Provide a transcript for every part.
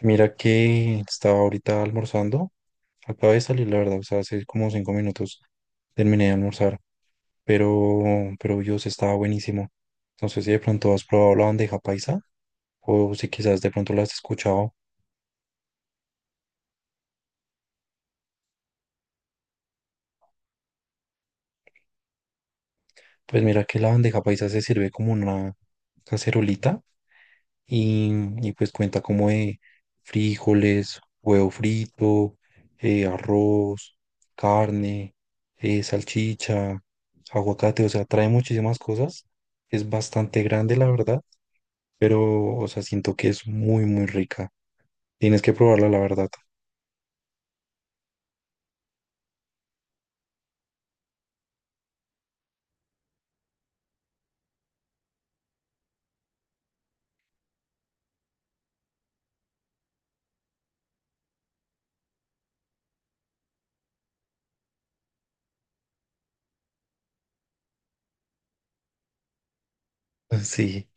Mira que estaba ahorita almorzando. Acabo de salir, la verdad, o sea, hace como 5 minutos terminé de almorzar, pero, pero Dios, estaba buenísimo. No sé si de pronto has probado la bandeja paisa o si quizás de pronto la has escuchado. Pues mira que la bandeja paisa se sirve como una cacerolita y, y pues cuenta como de frijoles, huevo frito, arroz, carne, salchicha, aguacate, o sea, trae muchísimas cosas. Es bastante grande, la verdad, pero, o sea, siento que es muy, muy rica. Tienes que probarla, la verdad. Sí,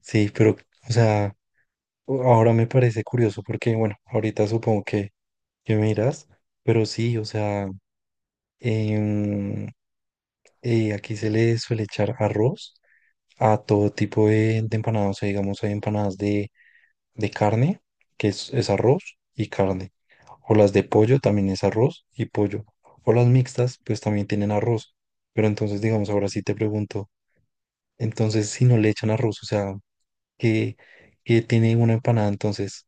sí, pero, o sea, ahora me parece curioso porque, bueno, ahorita supongo que me dirás, pero sí, o sea, em, aquí se le suele echar arroz a todo tipo de empanadas, o sea, digamos, hay empanadas de carne, que es arroz y carne, o las de pollo también es arroz y pollo, o las mixtas, pues también tienen arroz, pero entonces, digamos, ahora sí te pregunto, entonces, si no le echan arroz, o sea, que, que tiene una empanada. Entonces,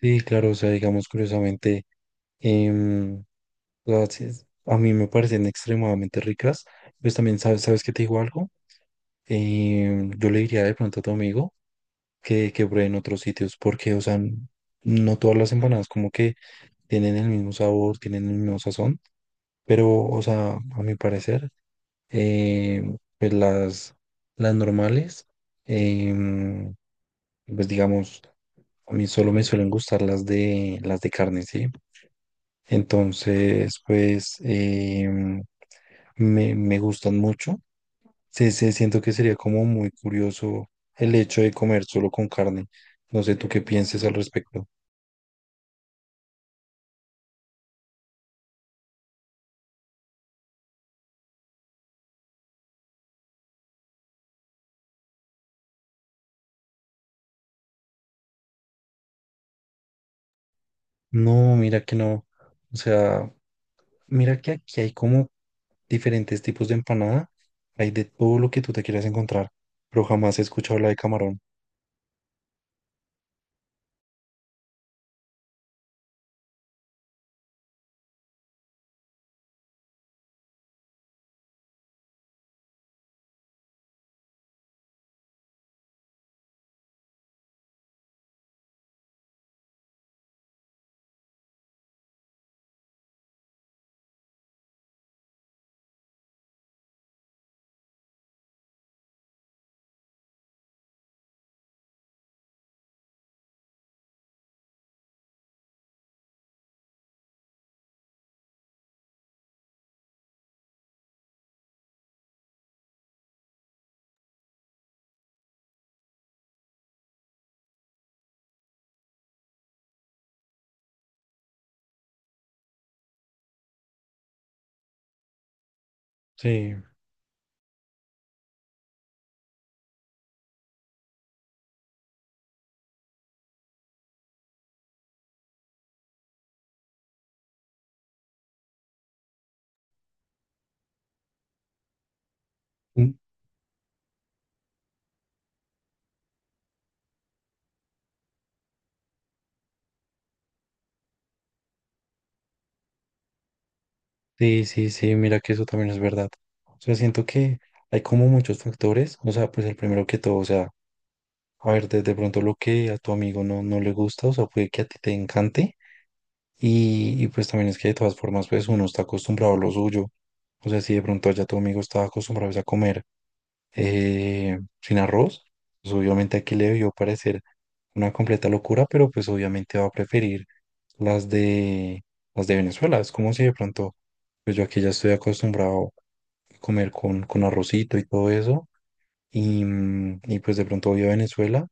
sí, claro, o sea, digamos, curiosamente, em, a mí me parecen extremadamente ricas. Pues también, ¿sabes, sabes que te digo algo? Yo le diría de pronto a tu amigo que pruebe en otros sitios, porque, o sea, no todas las empanadas como que tienen el mismo sabor, tienen el mismo sazón, pero, o sea, a mi parecer, pues las normales, em, pues digamos, a mí solo me suelen gustar las de carne, ¿sí? Entonces, pues me, me gustan mucho. Sí, sí, siento que sería como muy curioso el hecho de comer solo con carne. No sé tú qué pienses al respecto. No, mira que no. O sea, mira que aquí hay como diferentes tipos de empanada. Hay de todo lo que tú te quieras encontrar, pero jamás he escuchado la de camarón. Sí. Sí, sí, sí, mira que eso también es verdad. O sea, siento que hay como muchos factores, o sea, pues el primero que todo, o sea, a ver, de pronto lo que a tu amigo no, no le gusta, o sea, puede que a ti te encante, y pues también es que de todas formas, pues uno está acostumbrado a lo suyo, o sea, si de pronto ya tu amigo estaba acostumbrado pues, a comer sin arroz, pues obviamente aquí le debió parecer una completa locura, pero pues obviamente va a preferir las de, las de Venezuela, es como si de pronto... Pues yo aquí ya estoy acostumbrado comer con arrocito y todo eso. Y, y pues de pronto voy a Venezuela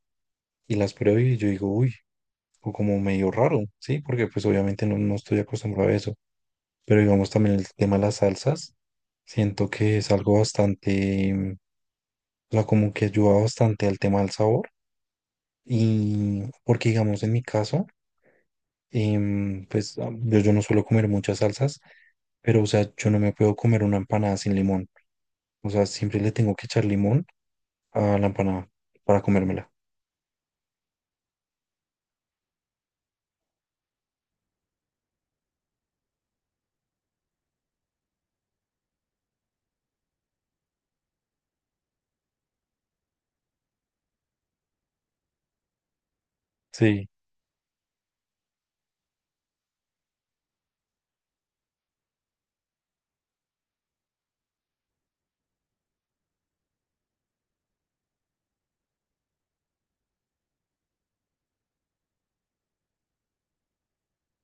y las pruebo y yo digo, uy, o como medio raro, ¿sí? Porque pues obviamente no, no estoy acostumbrado a eso. Pero digamos también el tema de las salsas, siento que es algo bastante, o sea, como que ayuda bastante al tema del sabor. Y porque digamos en mi caso, pues yo no suelo comer muchas salsas, pero o sea, yo no me puedo comer una empanada sin limón. O sea, siempre le tengo que echar limón a la empanada para comérmela. Sí.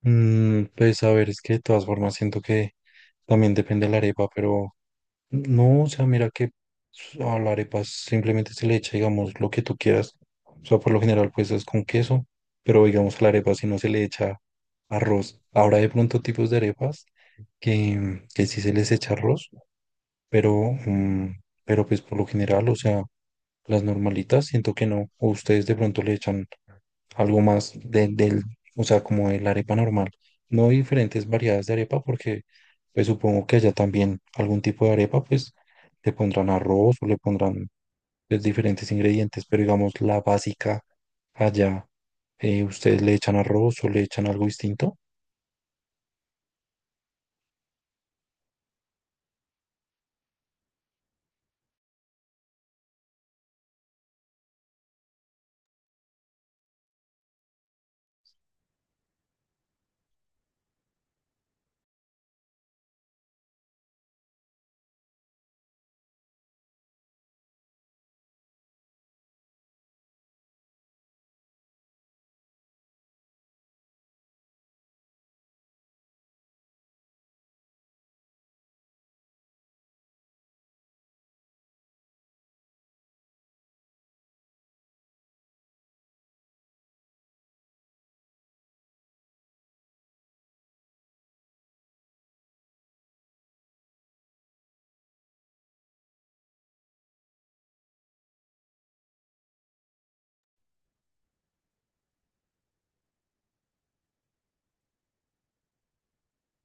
Mm, pues a ver, es que de todas formas siento que también depende de la arepa, pero no, o sea, mira que a la arepa simplemente se le echa, digamos, lo que tú quieras. O sea, por lo general, pues es con queso, pero digamos a la arepa si no se le echa arroz. Ahora de pronto tipos de arepas que sí se les echa arroz, pero, pero pues por lo general, o sea, las normalitas siento que no. O ustedes de pronto le echan algo más del del, o sea, como de la arepa normal. No diferentes variedades de arepa, porque pues supongo que allá también algún tipo de arepa, pues le pondrán arroz o le pondrán pues, diferentes ingredientes, pero digamos la básica allá, ¿ustedes le echan arroz o le echan algo distinto?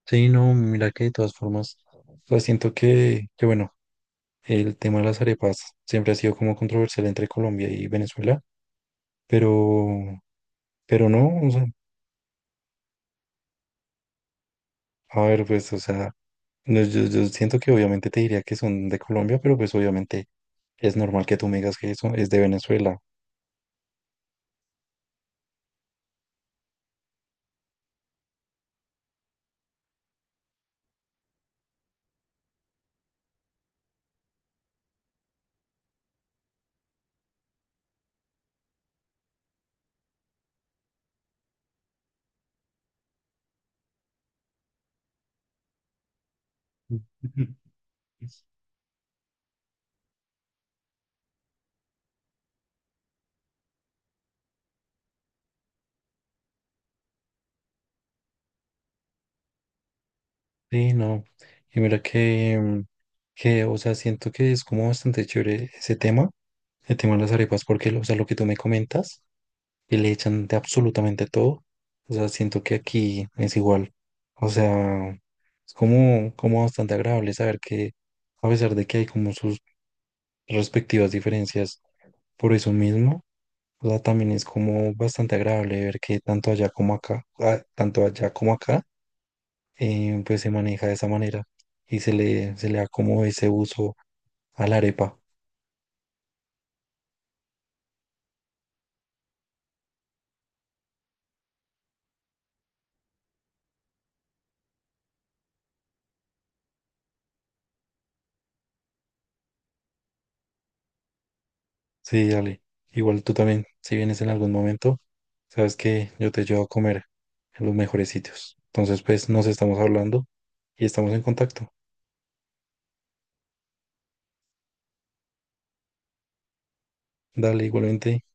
Sí, no, mira que de todas formas, pues siento que bueno, el tema de las arepas siempre ha sido como controversial entre Colombia y Venezuela, pero, pero no, o sea, a ver, pues, o sea, no, yo siento que obviamente te diría que son de Colombia, pero pues obviamente es normal que tú me digas que eso es de Venezuela. Sí, no. Y mira que, que, o sea, siento que es como bastante chévere ese tema, el tema de las arepas, porque, o sea, lo que tú me comentas que le echan de absolutamente todo. O sea, siento que aquí es igual. O sea, es como, como bastante agradable saber que a pesar de que hay como sus respectivas diferencias por eso mismo, o sea, también es como bastante agradable ver que tanto allá como acá, pues se maneja de esa manera y se le da como ese uso a la arepa. Sí, dale. Igual tú también, si vienes en algún momento, sabes que yo te llevo a comer en los mejores sitios. Entonces, pues nos estamos hablando y estamos en contacto. Dale, igualmente.